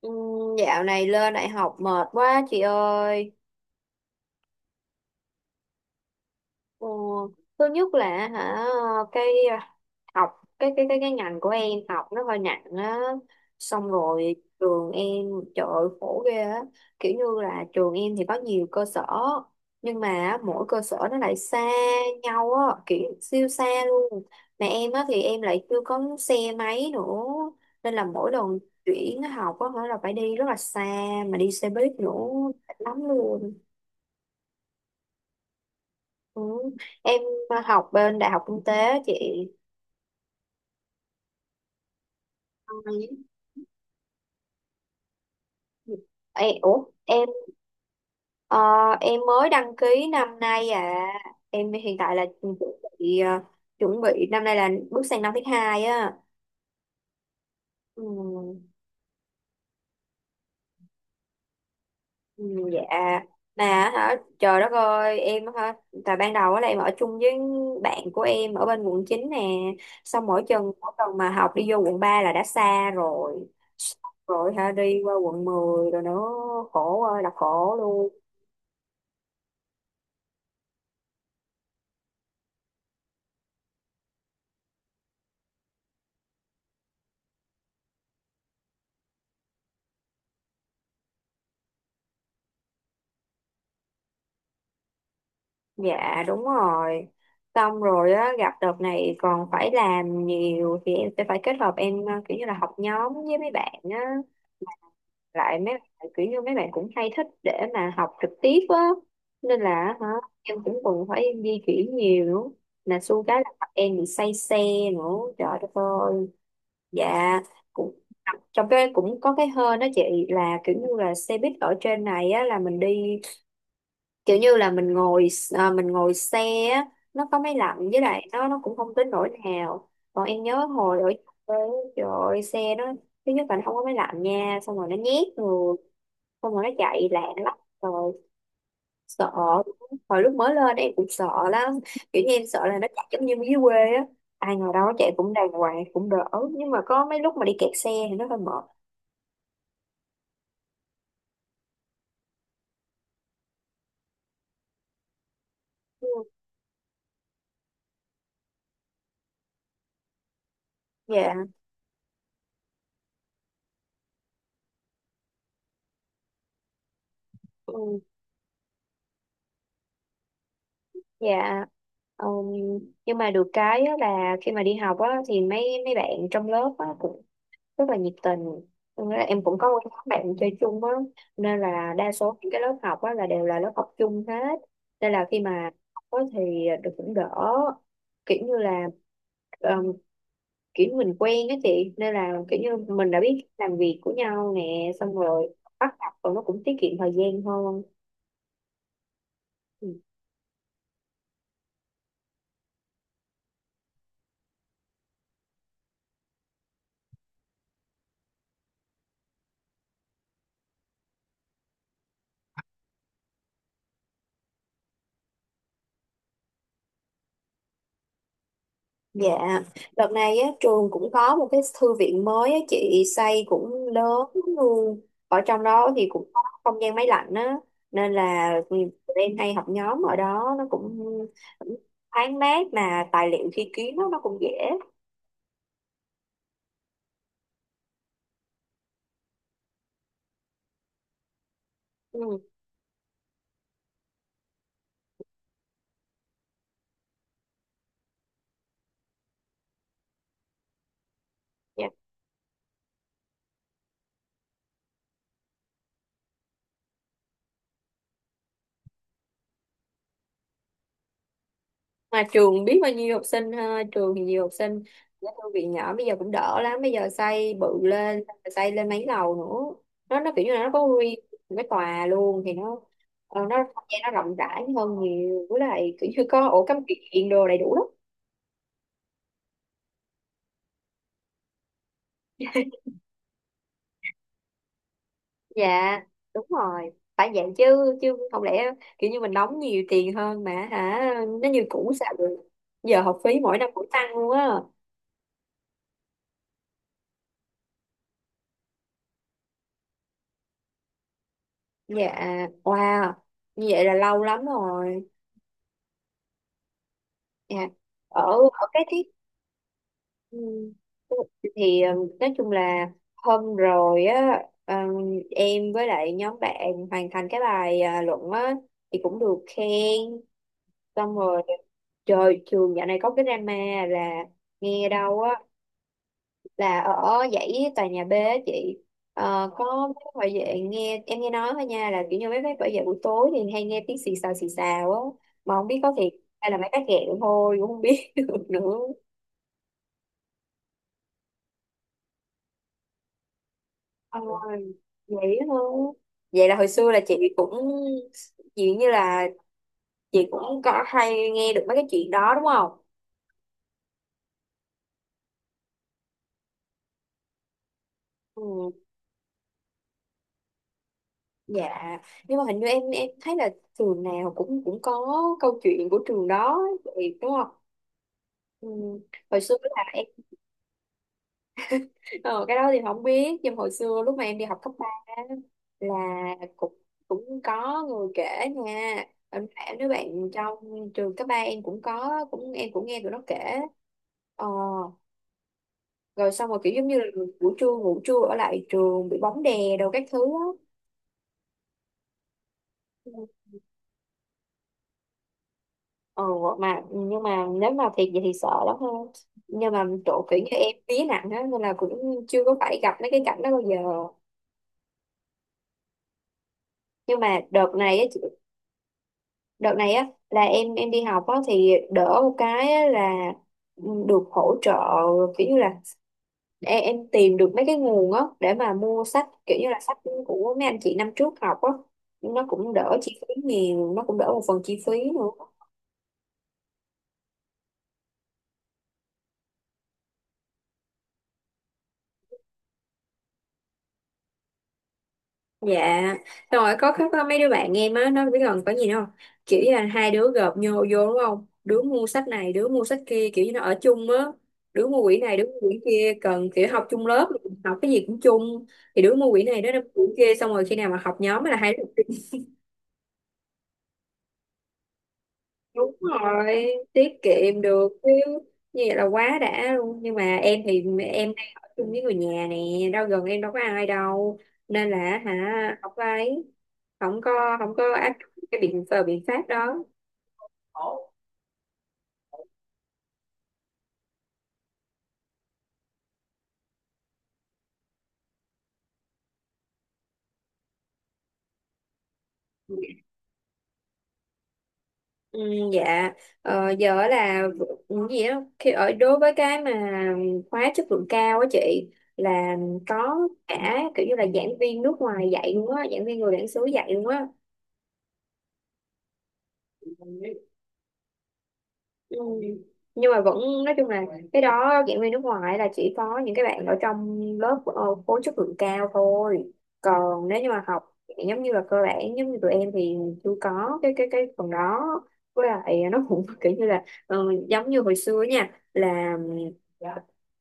Ừ. Dạo này lên đại học mệt quá chị ơi. Ờ, Thứ nhất là cái à, học cái ngành của em học nó hơi nặng á, xong rồi trường em, trời ơi, khổ ghê á. Kiểu như là trường em thì có nhiều cơ sở, nhưng mà á, mỗi cơ sở nó lại xa nhau á, kiểu siêu xa luôn. Mà em á thì em lại chưa có xe máy nữa, nên là mỗi lần chuyển học á là phải đi rất là xa, mà đi xe buýt nữa mệt lắm luôn. Ừ. Em học bên Đại học Kinh tế chị. Ừ. Ê, ủa em, ờ, em mới đăng ký năm nay à, em hiện tại là chuẩn bị chuẩn bị năm nay là bước sang năm thứ hai á. Ừ. Ừ, dạ. Mà trời đất ơi em tại ban đầu á là em ở chung với bạn của em ở bên quận 9 nè, xong mỗi chừng mỗi tuần mà học đi vô quận 3 là đã xa rồi, rồi đi qua quận 10 rồi nữa, khổ ơi là khổ luôn. Dạ đúng rồi. Xong rồi á gặp đợt này còn phải làm nhiều thì em sẽ phải kết hợp em, kiểu như là học nhóm với mấy bạn á, lại mấy bạn kiểu như mấy bạn cũng hay thích để mà học trực tiếp á, nên là em cũng cần phải em di chuyển nhiều nữa. Mà xu cái là em bị say xe nữa, trời đất ơi. Dạ. Cũng trong cái cũng có cái hên đó chị, là kiểu như là xe buýt ở trên này á là mình đi, kiểu như là mình ngồi, mình ngồi xe á, nó có máy lạnh, với lại nó cũng không tới nỗi nào. Còn em nhớ hồi ở quê á, trời ơi, xe nó thứ nhất là nó không có máy lạnh nha, xong rồi nó nhét người, xong rồi nó chạy lạng lắm rồi sợ. Hồi lúc mới lên em cũng sợ lắm, kiểu như em sợ là nó chạy giống như dưới quê á, ai ngồi đó chạy cũng đàng hoàng cũng đỡ, nhưng mà có mấy lúc mà đi kẹt xe thì nó hơi mệt. Ừ, dạ. Ừ, dạ. Ừm, nhưng mà được cái á là khi mà đi học á thì mấy mấy bạn trong lớp á cũng rất là nhiệt tình. Nên là em cũng có một nhóm bạn chơi chung á, nên là đa số những cái lớp học á là đều là lớp học chung hết, nên là khi mà học á thì được cũng đỡ, kiểu như là, um, kiểu mình quen á chị, nên là kiểu như mình đã biết làm việc của nhau nè, xong rồi bắt học rồi nó cũng tiết kiệm thời gian hơn. Ừ. Dạ, đợt này á, trường cũng có một cái thư viện mới á chị, xây cũng lớn luôn. Ở trong đó thì cũng có không gian máy lạnh á, nên là tụi em hay học nhóm ở đó, nó cũng cũng thoáng mát, mà tài liệu thi ký nó cũng dễ. Ừ. Mà trường biết bao nhiêu học sinh ha, trường thì nhiều học sinh, cái thư viện nhỏ bây giờ cũng đỡ lắm, bây giờ xây bự lên, xây lên mấy lầu nữa, nó kiểu như là nó có riêng cái tòa luôn, thì nó nó không gian nó rộng rãi hơn nhiều, với lại kiểu như có ổ cắm điện đồ đầy đủ lắm. Dạ đúng rồi, phải vậy chứ, chứ không lẽ kiểu như mình đóng nhiều tiền hơn mà nó như cũ sao được. Giờ học phí mỗi năm cũng tăng luôn á. Dạ, wow, như vậy là lâu lắm rồi. Dạ. Ở ở cái tiết ừm, thì nói chung là hôm rồi á, em với lại nhóm bạn hoàn thành cái bài luận á thì cũng được khen. Xong rồi trời, trường dạo này có cái drama, là nghe đâu á là ở dãy tòa nhà B á chị, có mấy bảo vệ, nghe em nghe nói thôi nha, là kiểu như mấy bác bảo vệ buổi tối thì hay nghe tiếng xì xào á, mà không biết có thiệt hay là mấy bác ghẹo thôi cũng không biết được nữa. Ờ, Vậy thôi, vậy là hồi xưa là chị cũng, chuyện như là chị cũng có hay nghe được mấy cái chuyện đó đúng không. Ừ, dạ. Nhưng mà hình như em thấy là trường nào cũng cũng có câu chuyện của trường đó vậy, đúng không. Ừ, hồi xưa là em, Ờ, cái đó thì không biết, nhưng hồi xưa lúc mà em đi học cấp 3 á, là cũng cũng có người kể nha. Em đứa bạn trong trường cấp 3 em cũng có, cũng em cũng nghe tụi nó kể. ờ, Rồi xong rồi kiểu giống như là buổi trưa ngủ trưa ở lại trường bị bóng đè đồ các thứ á. Ừ. ờ, mà nhưng mà nếu mà thiệt vậy thì sợ lắm ha. Nhưng mà chỗ kiểu như em vía nặng á, nên là cũng chưa có phải gặp mấy cái cảnh đó bao giờ. Nhưng mà đợt này á, đợt này á là em đi học á thì đỡ một cái á là, ừ, được hỗ trợ, kiểu như là em tìm được mấy cái nguồn á để mà mua sách, kiểu như là sách của mấy anh chị năm trước học á, nó cũng đỡ chi phí nhiều, nó cũng đỡ một phần chi phí nữa. Dạ, xong rồi có mấy đứa bạn em á, nó biết gần có gì nữa không? Kiểu như là hai đứa gộp nhô vô đúng không? Đứa mua sách này, đứa mua sách kia, kiểu như nó ở chung á. Đứa mua quyển này, đứa mua quyển kia, cần kiểu học chung lớp, học cái gì cũng chung. Thì đứa mua quyển này, đứa mua quyển kia, xong rồi khi nào mà học nhóm là hai đứa. Đúng rồi, tiết kiệm được chứ, như vậy là quá đã luôn. Nhưng mà em thì em đang ở chung với người nhà nè, đâu gần em đâu có ai đâu. Nên là không có ấy, không có không có áp dụng cái biện pháp đó. Ừ, dạ. Giờ là gì đó, khi ở đối với cái mà khóa chất lượng cao á chị, là có cả kiểu như là giảng viên nước ngoài dạy luôn á, giảng viên người bản xứ dạy luôn á. Ừ. Nhưng mà vẫn, nói chung là, cái đó giảng viên nước ngoài là chỉ có những cái bạn ở trong lớp, khối chất lượng cao thôi. Còn nếu như mà học giống như là cơ bản giống như tụi em thì chưa có cái cái phần đó. Với lại nó cũng kiểu như là, giống như hồi xưa nha, là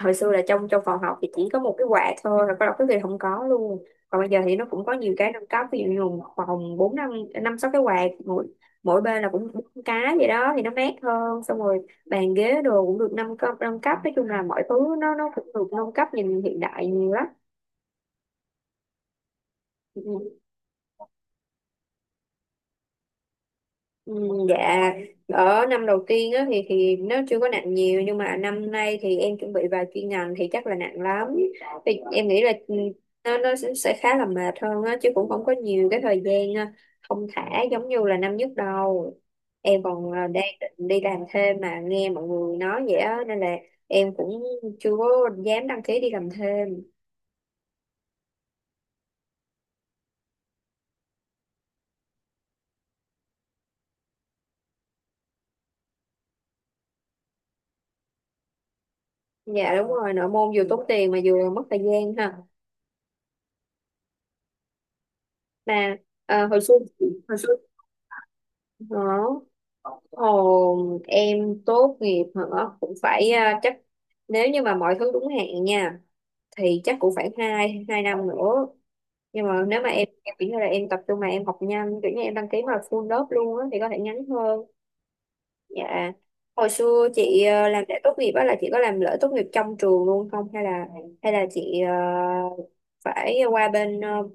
hồi xưa là trong trong phòng học thì chỉ có một cái quạt thôi, rồi có đọc cái gì không có luôn. Còn bây giờ thì nó cũng có nhiều cái nâng cấp, ví dụ như một phòng bốn năm năm sáu cái quạt, mỗi bên là cũng bốn cái vậy đó thì nó mát hơn. Xong rồi bàn ghế đồ cũng được nâng cấp nâng cấp, nói chung là mọi thứ nó cũng được nâng cấp, nhìn hiện đại nhiều lắm. Ừ. Ừ, dạ, ở năm đầu tiên á, thì nó chưa có nặng nhiều, nhưng mà năm nay thì em chuẩn bị vào chuyên ngành thì chắc là nặng lắm. Thì em nghĩ là, ừ, nó sẽ khá là mệt hơn á chứ, cũng không có nhiều cái thời gian thong thả giống như là năm nhất đâu. Em còn đang định đi làm thêm, mà nghe mọi người nói vậy á nên là em cũng chưa có dám đăng ký đi làm thêm. Dạ đúng rồi, nội môn vừa tốn tiền mà vừa mất thời gian ha. Mà ờ, hồi xưa hồi xưa, Ờ. Ồ, em tốt nghiệp hả? Cũng phải à, chắc nếu như mà mọi thứ đúng hạn nha thì chắc cũng phải hai hai năm nữa. Nhưng mà nếu mà em kiểu như là em tập trung mà em học nhanh, kiểu như em đăng ký mà full lớp luôn á thì có thể ngắn hơn. Dạ. Hồi xưa chị làm lễ tốt nghiệp á, là chị có làm lễ tốt nghiệp trong trường luôn không, hay là hay là chị phải qua bên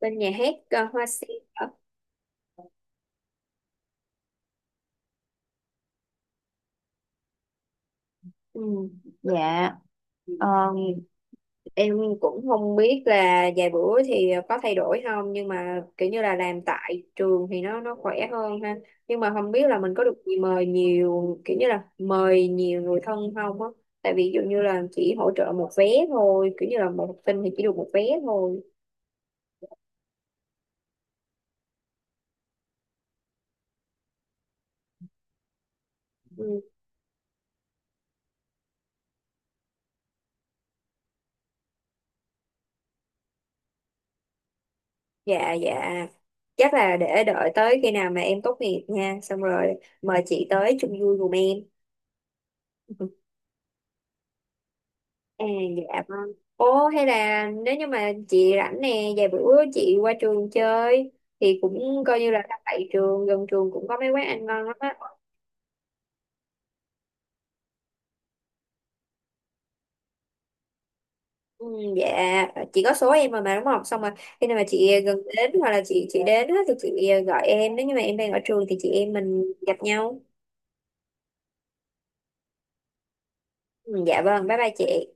bên nhà hát, Hoa Sen hả? Ừ. Dạ, em cũng không biết là vài bữa thì có thay đổi không, nhưng mà kiểu như là làm tại trường thì nó khỏe hơn ha. Nhưng mà không biết là mình có được mời nhiều, kiểu như là mời nhiều người thân không á. Tại vì ví dụ như là chỉ hỗ trợ một vé thôi, kiểu như là một học sinh thì chỉ được một vé thôi. Ừ. Dạ dạ. Chắc là để đợi tới khi nào mà em tốt nghiệp nha, xong rồi mời chị tới chung vui cùng em. À, dạ vâng. Ồ hay là nếu như mà chị rảnh nè, vài bữa chị qua trường chơi thì cũng coi như là đang tại trường, gần trường cũng có mấy quán ăn ngon lắm á. Ừ, dạ, chị có số em rồi mà đúng không? Xong rồi khi nào mà chị gần đến, hoặc là chị đến á, thì chị gọi em, nếu như mà em đang ở trường thì chị em mình gặp nhau. Ừ, dạ vâng, bye bye chị.